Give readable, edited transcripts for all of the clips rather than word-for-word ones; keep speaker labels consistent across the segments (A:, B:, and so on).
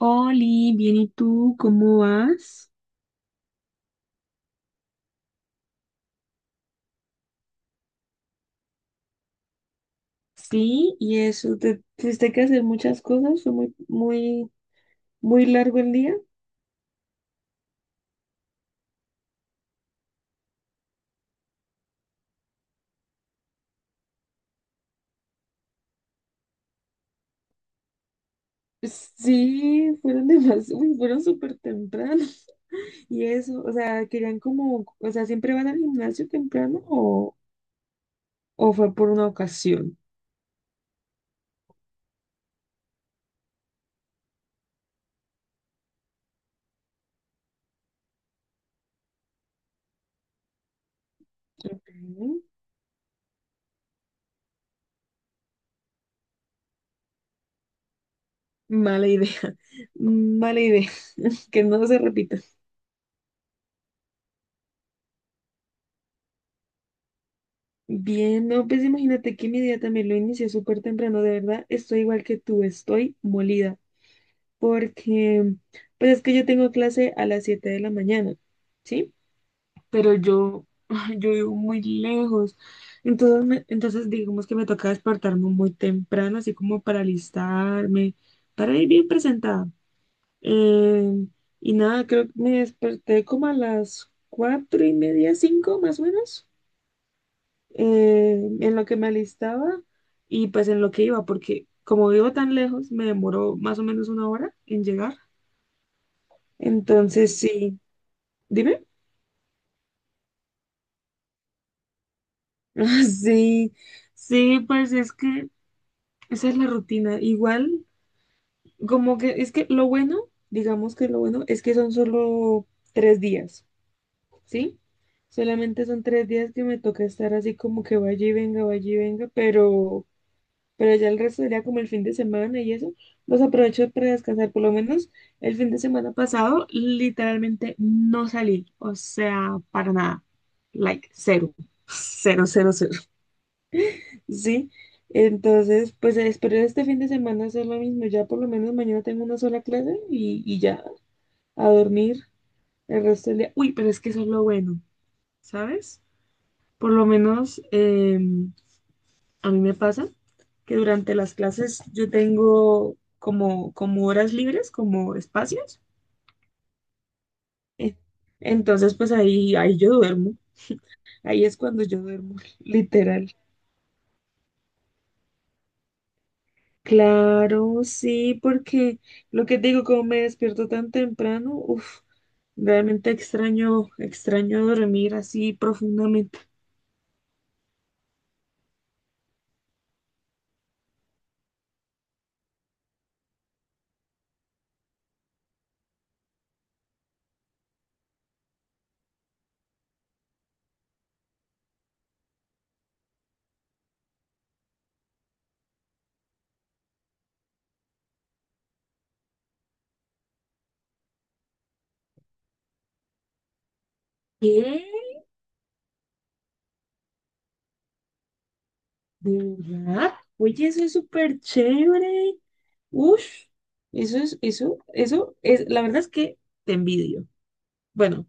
A: Oli, bien, ¿y tú cómo vas? Sí, y eso, ¿te tuviste que hacer muchas cosas? ¿Fue muy, muy, muy largo el día? Sí, fueron demasiado, fueron súper temprano. Y eso, o sea, querían como, o sea, ¿siempre van al gimnasio temprano o fue por una ocasión? Ok. Mala idea, mala idea, que no se repita. Bien, no, pues imagínate que mi día también lo inicié súper temprano, de verdad, estoy igual que tú, estoy molida, porque pues es que yo tengo clase a las 7 de la mañana, ¿sí? Pero yo, ay, yo vivo muy lejos. Entonces, digamos que me toca despertarme muy temprano, así como para alistarme, para ir bien presentada. Eh, y nada, creo que me desperté como a las 4:30, 5 más o menos, en lo que me alistaba y pues en lo que iba, porque como vivo tan lejos, me demoró más o menos 1 hora en llegar. Entonces, sí, dime. Ah, sí, sí, pues es que esa es la rutina. Igual, como que es que lo bueno, digamos que lo bueno es que son solo 3 días, ¿sí? Solamente son 3 días que me toca estar así como que vaya y venga, pero ya el resto sería como el fin de semana y eso, los aprovecho para descansar. Por lo menos el fin de semana pasado literalmente no salí, o sea, para nada, like cero, cero, cero, cero, ¿sí? Entonces, pues espero este fin de semana hacer lo mismo, ya por lo menos mañana tengo una sola clase y ya a dormir el resto del día. Uy, pero es que eso es lo bueno, ¿sabes? Por lo menos a mí me pasa, que durante las clases yo tengo como, como horas libres, como espacios. Eh, Entonces, pues ahí yo duermo. Ahí es cuando yo duermo, literal. Claro, sí, porque lo que digo, como me despierto tan temprano, uff, realmente extraño dormir así profundamente. ¿Qué? ¿De verdad? Oye, eso es súper chévere. Uff, eso es, la verdad es que te envidio. Bueno,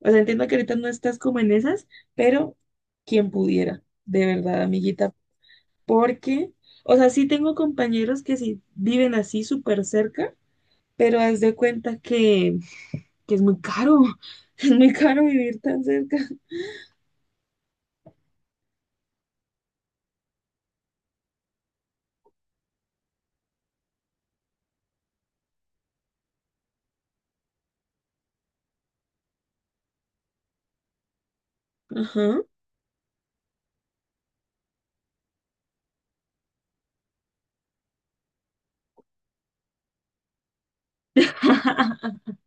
A: o sea, entiendo que ahorita no estás como en esas, pero quien pudiera, de verdad, amiguita, porque, o sea, sí tengo compañeros que sí viven así súper cerca, pero haz de cuenta que es muy caro, es muy caro vivir tan cerca. Ajá.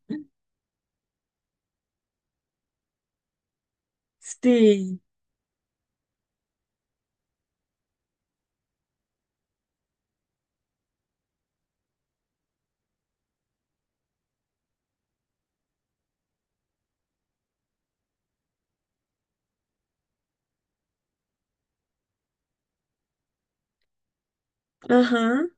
A: Sí, ajá.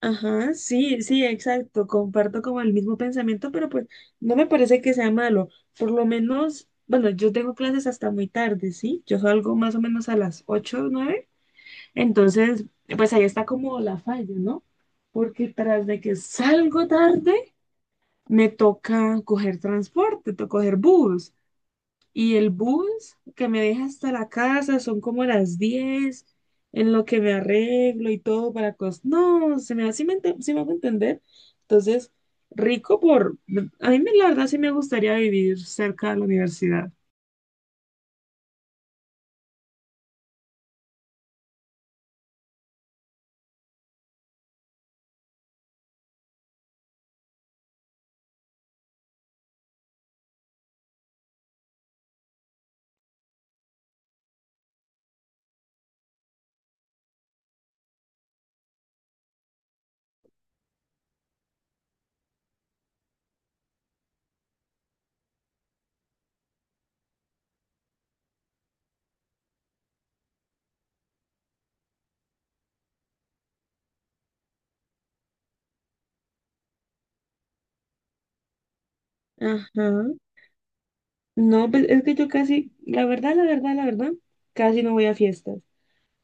A: Ajá, sí, sí, exacto, comparto como el mismo pensamiento, pero pues no me parece que sea malo. Por lo menos, bueno, yo tengo clases hasta muy tarde, ¿sí? Yo salgo más o menos a las 8 o 9, entonces, pues ahí está como la falla, ¿no? Porque tras de que salgo tarde, me toca coger transporte, toca coger bus. Y el bus que me deja hasta la casa son como las 10 en lo que me arreglo y todo para cosas. No, se me hace, sí me hago entender. Entonces, rico por... A mí me- la verdad sí me gustaría vivir cerca de la universidad. Ajá. No, pues es que yo casi, la verdad, la verdad, la verdad, casi no voy a fiestas.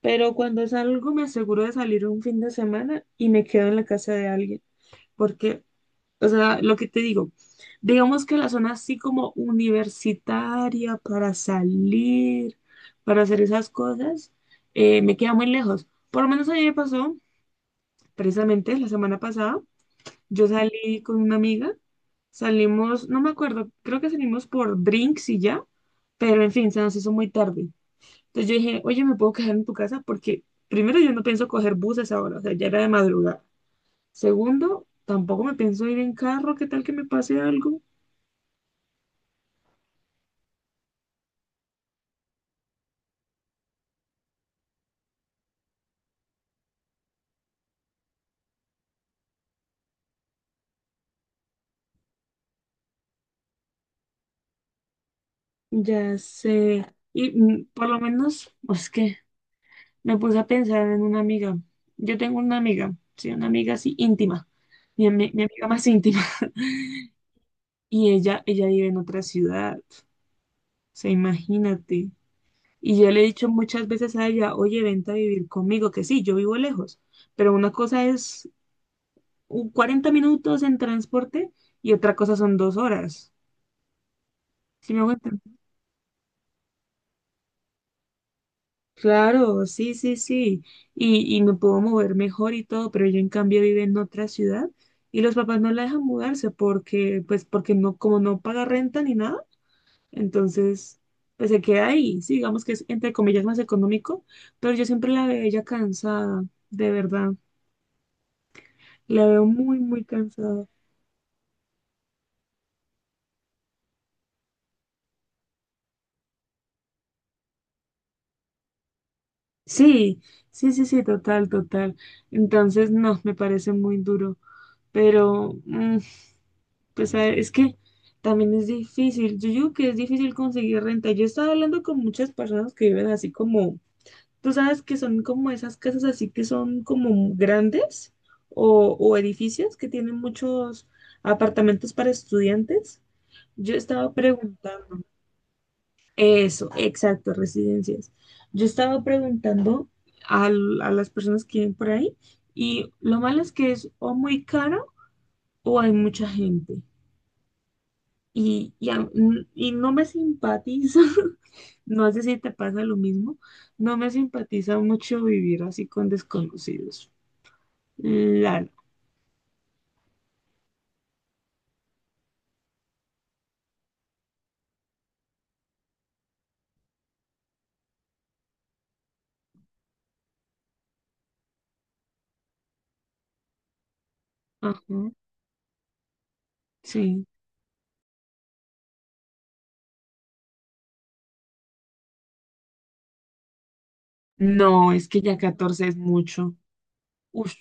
A: Pero cuando salgo me aseguro de salir un fin de semana y me quedo en la casa de alguien. Porque o sea, lo que te digo, digamos que la zona así como universitaria para salir, para hacer esas cosas, me queda muy lejos. Por lo menos a mí me pasó, precisamente la semana pasada, yo salí con una amiga, salimos, no me acuerdo, creo que salimos por drinks y ya, pero en fin, se nos hizo muy tarde. Entonces yo dije, oye, ¿me puedo quedar en tu casa? Porque primero yo no pienso coger buses ahora, o sea, ya era de madrugada. Segundo, tampoco me pienso ir en carro, ¿qué tal que me pase algo? Ya sé. Y por lo menos, pues, es que me puse a pensar en una amiga. Yo tengo una amiga, sí, una amiga así íntima. Mi amiga más íntima. Y ella vive en otra ciudad. O sea, imagínate. Y yo le he dicho muchas veces a ella, oye, vente a vivir conmigo, que sí, yo vivo lejos. Pero una cosa es un 40 minutos en transporte y otra cosa son 2 horas. ¿Sí me hago? Claro, sí, sí, sí. Y me puedo mover mejor y todo, pero yo en cambio vivo en otra ciudad y los papás no la dejan mudarse porque, pues, porque no, como no paga renta ni nada, entonces, pues se queda ahí. Sí, digamos que es entre comillas más económico, pero yo siempre la veo ella cansada, de verdad. La veo muy, muy cansada. Sí, sí, sí, sí, total, total. Entonces, no, me parece muy duro. Pero, pues a ver, es que también es difícil. Yo digo que es difícil conseguir renta. Yo estaba hablando con muchas personas que viven así como, tú sabes que son como esas casas así que son como grandes o edificios que tienen muchos apartamentos para estudiantes. Yo estaba preguntando, eso, exacto, residencias. Yo estaba preguntando las personas que viven por ahí y lo malo es que es o muy caro o hay mucha gente. y, y, a- y no me simpatiza, no sé si te pasa lo mismo, no me simpatiza mucho vivir así con desconocidos. Claro. Ajá, sí. No, es que ya 14 es mucho. Uf,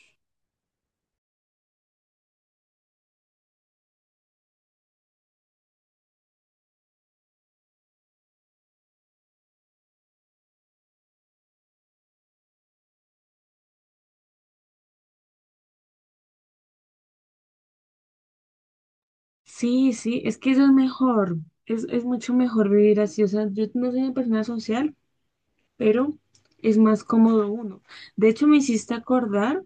A: sí, sí, es que eso es mejor, es mucho mejor vivir así, o sea, yo no soy una persona social, pero es más cómodo uno. De hecho, me hiciste acordar,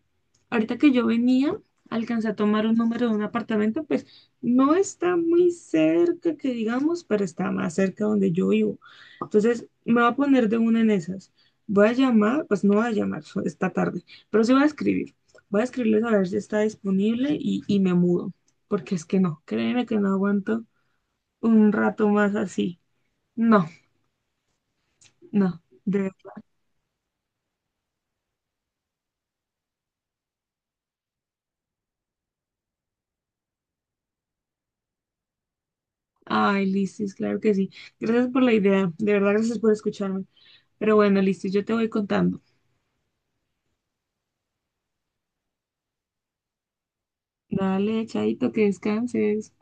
A: ahorita que yo venía, alcancé a tomar un número de un apartamento, pues no está muy cerca, que digamos, pero está más cerca donde yo vivo. Entonces, me voy a poner de una en esas. Voy a llamar, pues no voy a llamar esta tarde, pero sí voy a escribir. Voy a escribirles a ver si está disponible y me mudo, porque es que no, créeme que no aguanto un rato más así. No, no. Ay, Listis, claro que sí. Gracias por la idea. De verdad, gracias por escucharme. Pero bueno, Listis, yo te voy contando. Dale, chaito, que descanses.